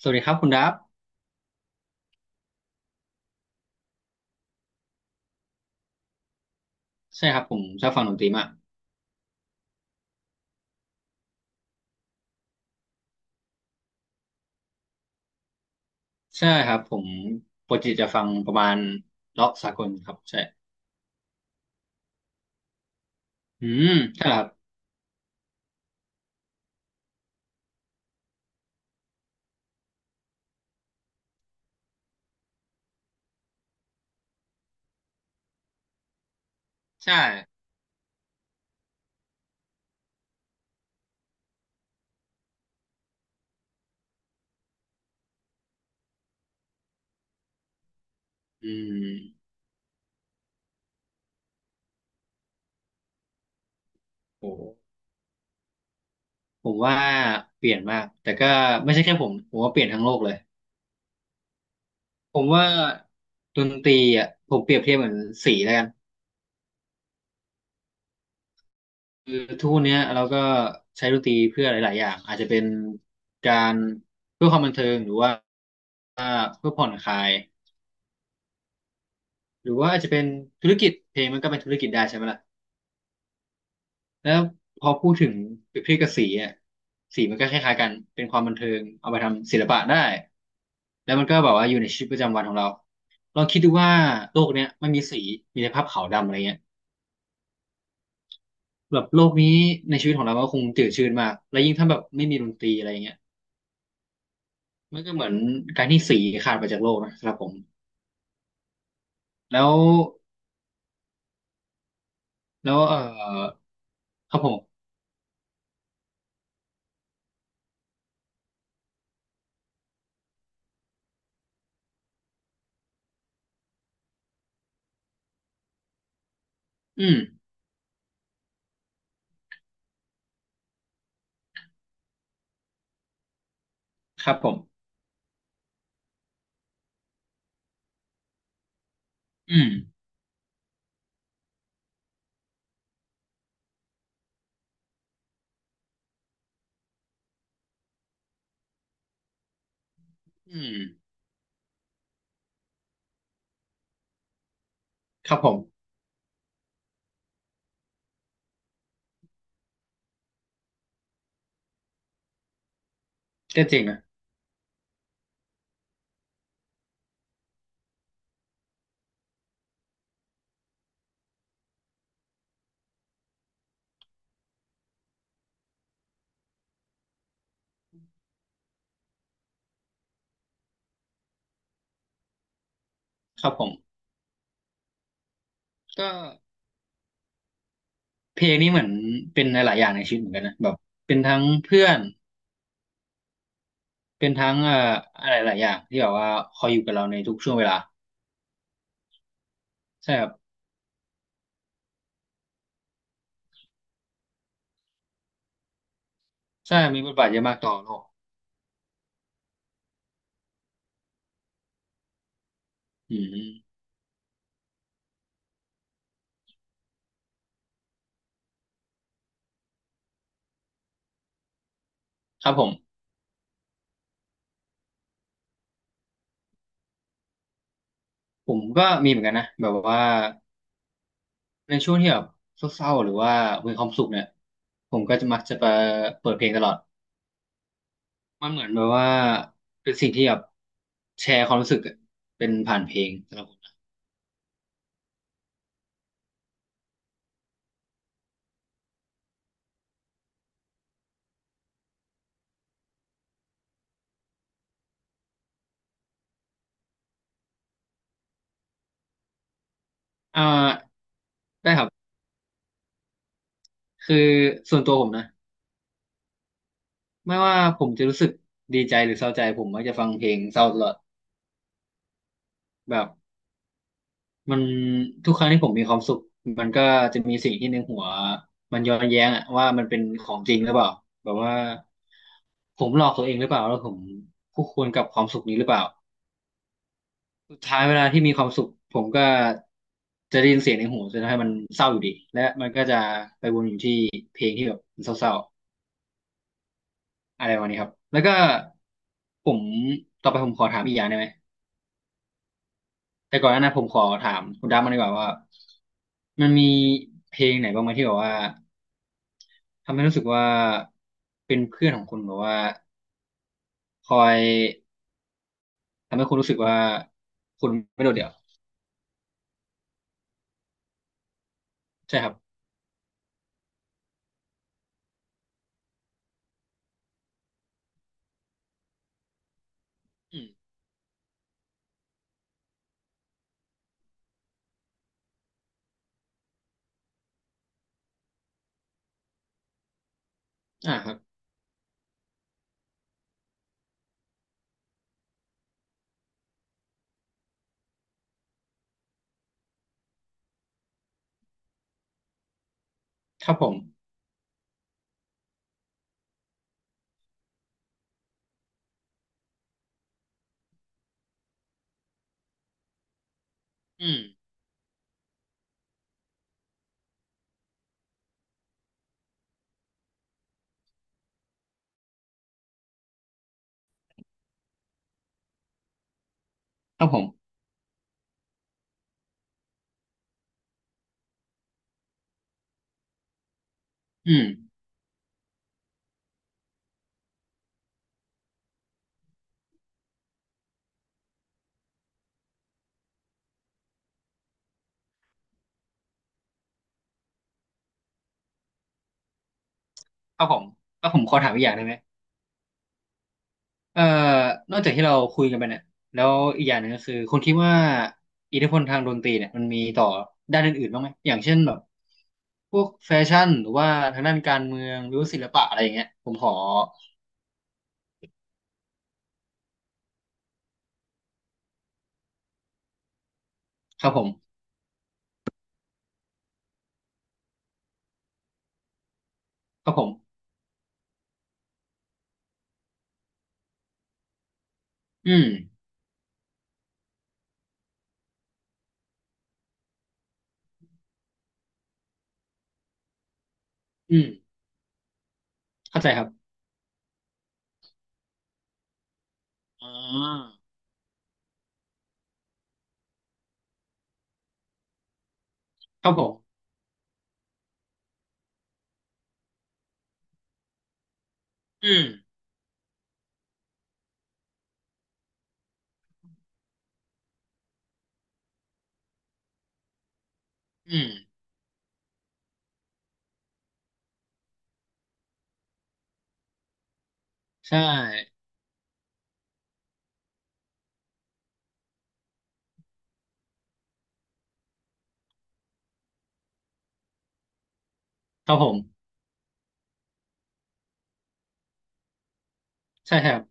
สวัสดีครับคุณดับใช่ครับผมชอบฟังดนตรีมากใช่ครับผมปกติจะฟังประมาณร็อกสากลครับใช่อืมใช่เหรอครับใช่อืมโหผมว่าเปลี่ยนมากแต่ก็ไม่ใช่แค่ผมว่าเปลี่ยนทั้งโลกเลยผมว่าดนตรีอ่ะผมเปรียบเทียบเหมือนสีแล้วกันคือทุกวันเนี้ยเราก็ใช้ดนตรีเพื่อหลายๆอย่างอาจจะเป็นการเพื่อความบันเทิงหรือว่าเพื่อผ่อนคลายหรือว่าอาจจะเป็นธุรกิจเพลงมันก็เป็นธุรกิจได้ใช่ไหมล่ะ แล้วพอพูดถึงเปรียบเทียบกับสีอ่ะสีมันก็คล้ายๆกันเป็นความบันเทิงเอาไปทำศิลปะได้แล้วมันก็แบบว่าอยู่ในชีวิตประจำวันของเราลองคิดดูว่าโลกเนี้ยไม่มีสีมีแต่ภาพขาวดำอะไรเงี้ยแบบโลกนี้ในชีวิตของเรามันก็คงจืดชืดมากแล้วยิ่งถ้าแบบไม่มีดนตรีอะไรเงี้ยมันก็เหมือนการที่สีขาดไปจากโลกนะครับผมแล้วแล้วเออครับผมอืมครับผมอืมอืมครับผมก็จริงนะครับผมก็ เพลงนี่เหมือนเป็นหลายๆอย่างในชีวิตเหมือนกันนะแบบเป็นทั้งเพื่อนเป็นทั้งอะไรหลายอย่างที่แบบว่าคอยอยู่กับเราในทุกช่วงเวลาใช่ครับใช่มีบทบาทเยอะมากต่อโลกอืมครับผมก็มีเหมือนกันนะแบบว่าในช่วงที่แบบเศร้าๆหรือว่ามีความสุขเนี่ยผมก็จะมักจะไปเปิดเพลงตลอดมันเหมือนแบบว่าเป็นสิ่งที่แบบแชร์ความรู้สึกอะเป็นผ่านเพลงสำหรับผมนะอ่าได้ครับคือส่วนตัวผมนะ ไม่ว่าผมจะรู้สึกดีใจหรือเศร้าใจผมมักจะฟังเพลงเศร้าตลอดแบบมันทุกครั้งที่ผมมีความสุขมันก็จะมีสิ่งที่ในหัวมันย้อนแย้งอะว่ามันเป็นของจริงหรือเปล่าแบบว่าผมหลอกตัวเองหรือเปล่าแล้วผมคู่ควรกับความสุขนี้หรือเปล่าสุดท้ายเวลาที่มีความสุขผมก็จะได้ยินเสียงในหูจะทำให้มันเศร้าอยู่ดีและมันก็จะไปวนอยู่ที่เศร้าๆอะไรวันนี้ครับแล้วก็ผมต่อไปผมขอถามอีกอย่างได้ไหม แต่ก่อนหน้านั้นผมขอถามคุณดับมันดีกว่าว่ามันมีเพลงไหนบ้างไหมที่แบบว่าทำให้รู้สึกว่าเป็นเพื่อนของคุณแบบว่าคอยทำให้คุณรู้สึกว่าคุณไม่โดดเดี่ยวใช่ครับอืมอ่าครับครับผมอืมครับผมอืมครับผมแล้วผมขอถามอีกอย่างได้ไหม เอ่อนอกจากที่เราคุยกันไปเนี่ยแล้วอีกอย่างหนึ่งก็คือคุณคิดว่าอิทธิพลทางดนตรีเนี่ยมันมีต่อด้านอื่นๆบ้างไหมอย่างเช่นแบบพวกแฟชั่นหรือว่าทางด้านการเมืองหรือว่าศิลปะอะไรอย่างเงี้ยผมขอครับผมครับผมอืมอืมเข้าใจครับอ่าครับผมอืมอืมใช่ครับผมใช่ครับ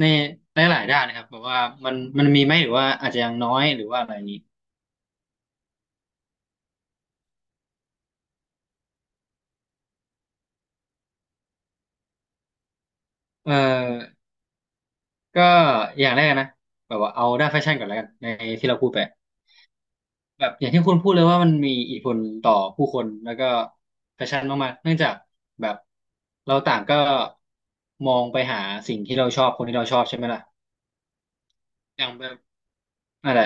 ในหลายๆด้านนะครับแบบว่ามันมีไหมหรือว่าอาจจะยังน้อยหรือว่าอะไรอย่างนี้เออ ก็อย่างแรกนะแบบว่าเอาด้านแฟชั่นก่อนแล้วกันในที่เราพูดไปแบบอย่างที่คุณพูดเลยว่ามันมีอิทธิพลต่อผู้คนแล้วก็แฟชั่นมากๆเนื่องจากแบบเราต่างก็มองไปหาสิ่งที่เราชอบคนที่เราชอบใช่ไหมล่ะอย่างแบบอะไร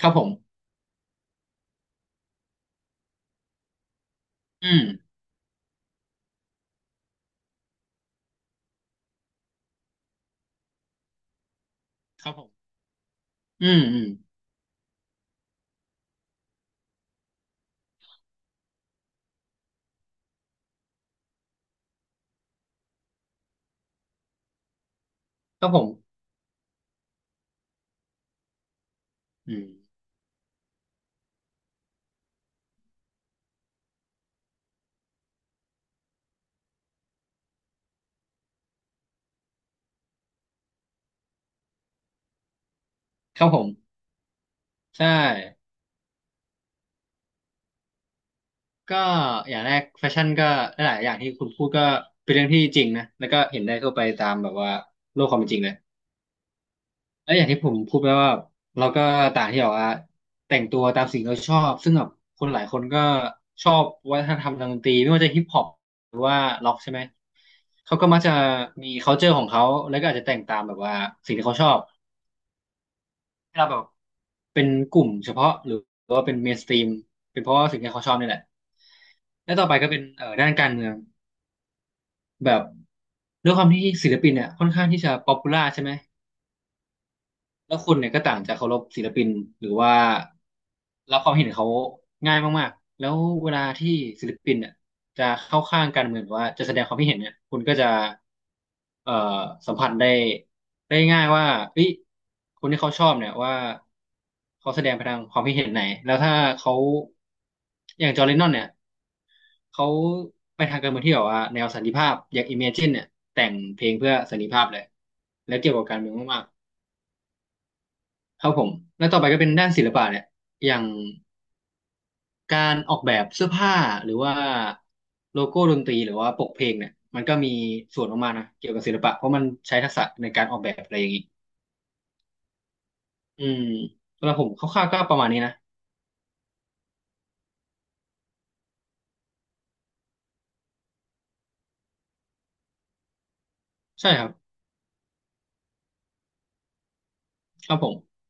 ครับผมอืมครับผมอืมอืมครับผมอืมครับผมใช่ก็อย่างแรกแฟชั่นก็หลายๆอย่างที่คุณพูดก็เป็นเรื่องที่จริงนะแล้วก็เห็นได้ทั่วไปตามแบบว่าโลกความเป็นจริงเลย แล้วอย่างที่ผมพูดไปว่าเราก็ต่างที่บอกว่าแต่งตัวตามสิ่งที่เราชอบซึ่งแบบคนหลายคนก็ชอบวัฒนธรรมทางดนตรีไม่ว่าจะฮิปฮอปหรือว่าร็อกใช่ไหมเขาก็มักจะมี culture ของเขาแล้วก็อาจจะแต่งตามแบบว่าสิ่งที่เขาชอบให้เราแบบเป็นกลุ่มเฉพาะหรือว่าเป็นเมสตีมเป็นเพราะว่าสิ่งที่เขาชอบนี่แหละและต่อไปก็เป็นด้านการเมืองแบบด้วยความที่ศิลปินเนี่ยค่อนข้างที่จะป๊อปปูล่าใช่ไหม แล้วคุณเนี่ยก็ต่างจากเคารพศิลปินหรือว่ารับความเห็นเขาง่ายมากๆแล้วเวลาที่ศิลปินเนี่ยจะเข้าข้างการเมืองหรือว่าจะแสดงความคิดเห็นเนี่ยคุณก็จะเอ่อสัมผัสได้ได้ง่ายว่าเอ้ยคนที่เขาชอบเนี่ยว่าเขาแสดงไปทางความคิดเห็นไหนแล้วถ้าเขาอย่างจอร์แดนนอนเนี่ยเขาไปทางการเมืองที่แบบว่าแนวสันติภาพอย่างอิมเมจินเนี่ยแต่งเพลงเพื่อสันติภาพเลยแล้วเกี่ยวกับการเมืองมาก ครับผมแล้วต่อไปก็เป็นด้านศิลปะเนี่ยอย่างการออกแบบเสื้อผ้าหรือว่าโลโก้ดนตรีหรือว่าปกเพลงเนี่ยมันก็มีส่วนออกมานะเกี่ยวกับศิลปะเพราะมันใช้ทักษะในการออกแบบอะไรอย่างนี้อืมสำหรับผมคร่าวๆก็ประมาณนี้นะใช่ครับครับผม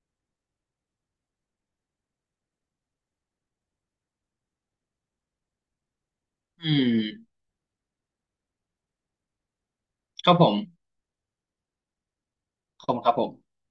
อืมครับผมขอบคุณครับผม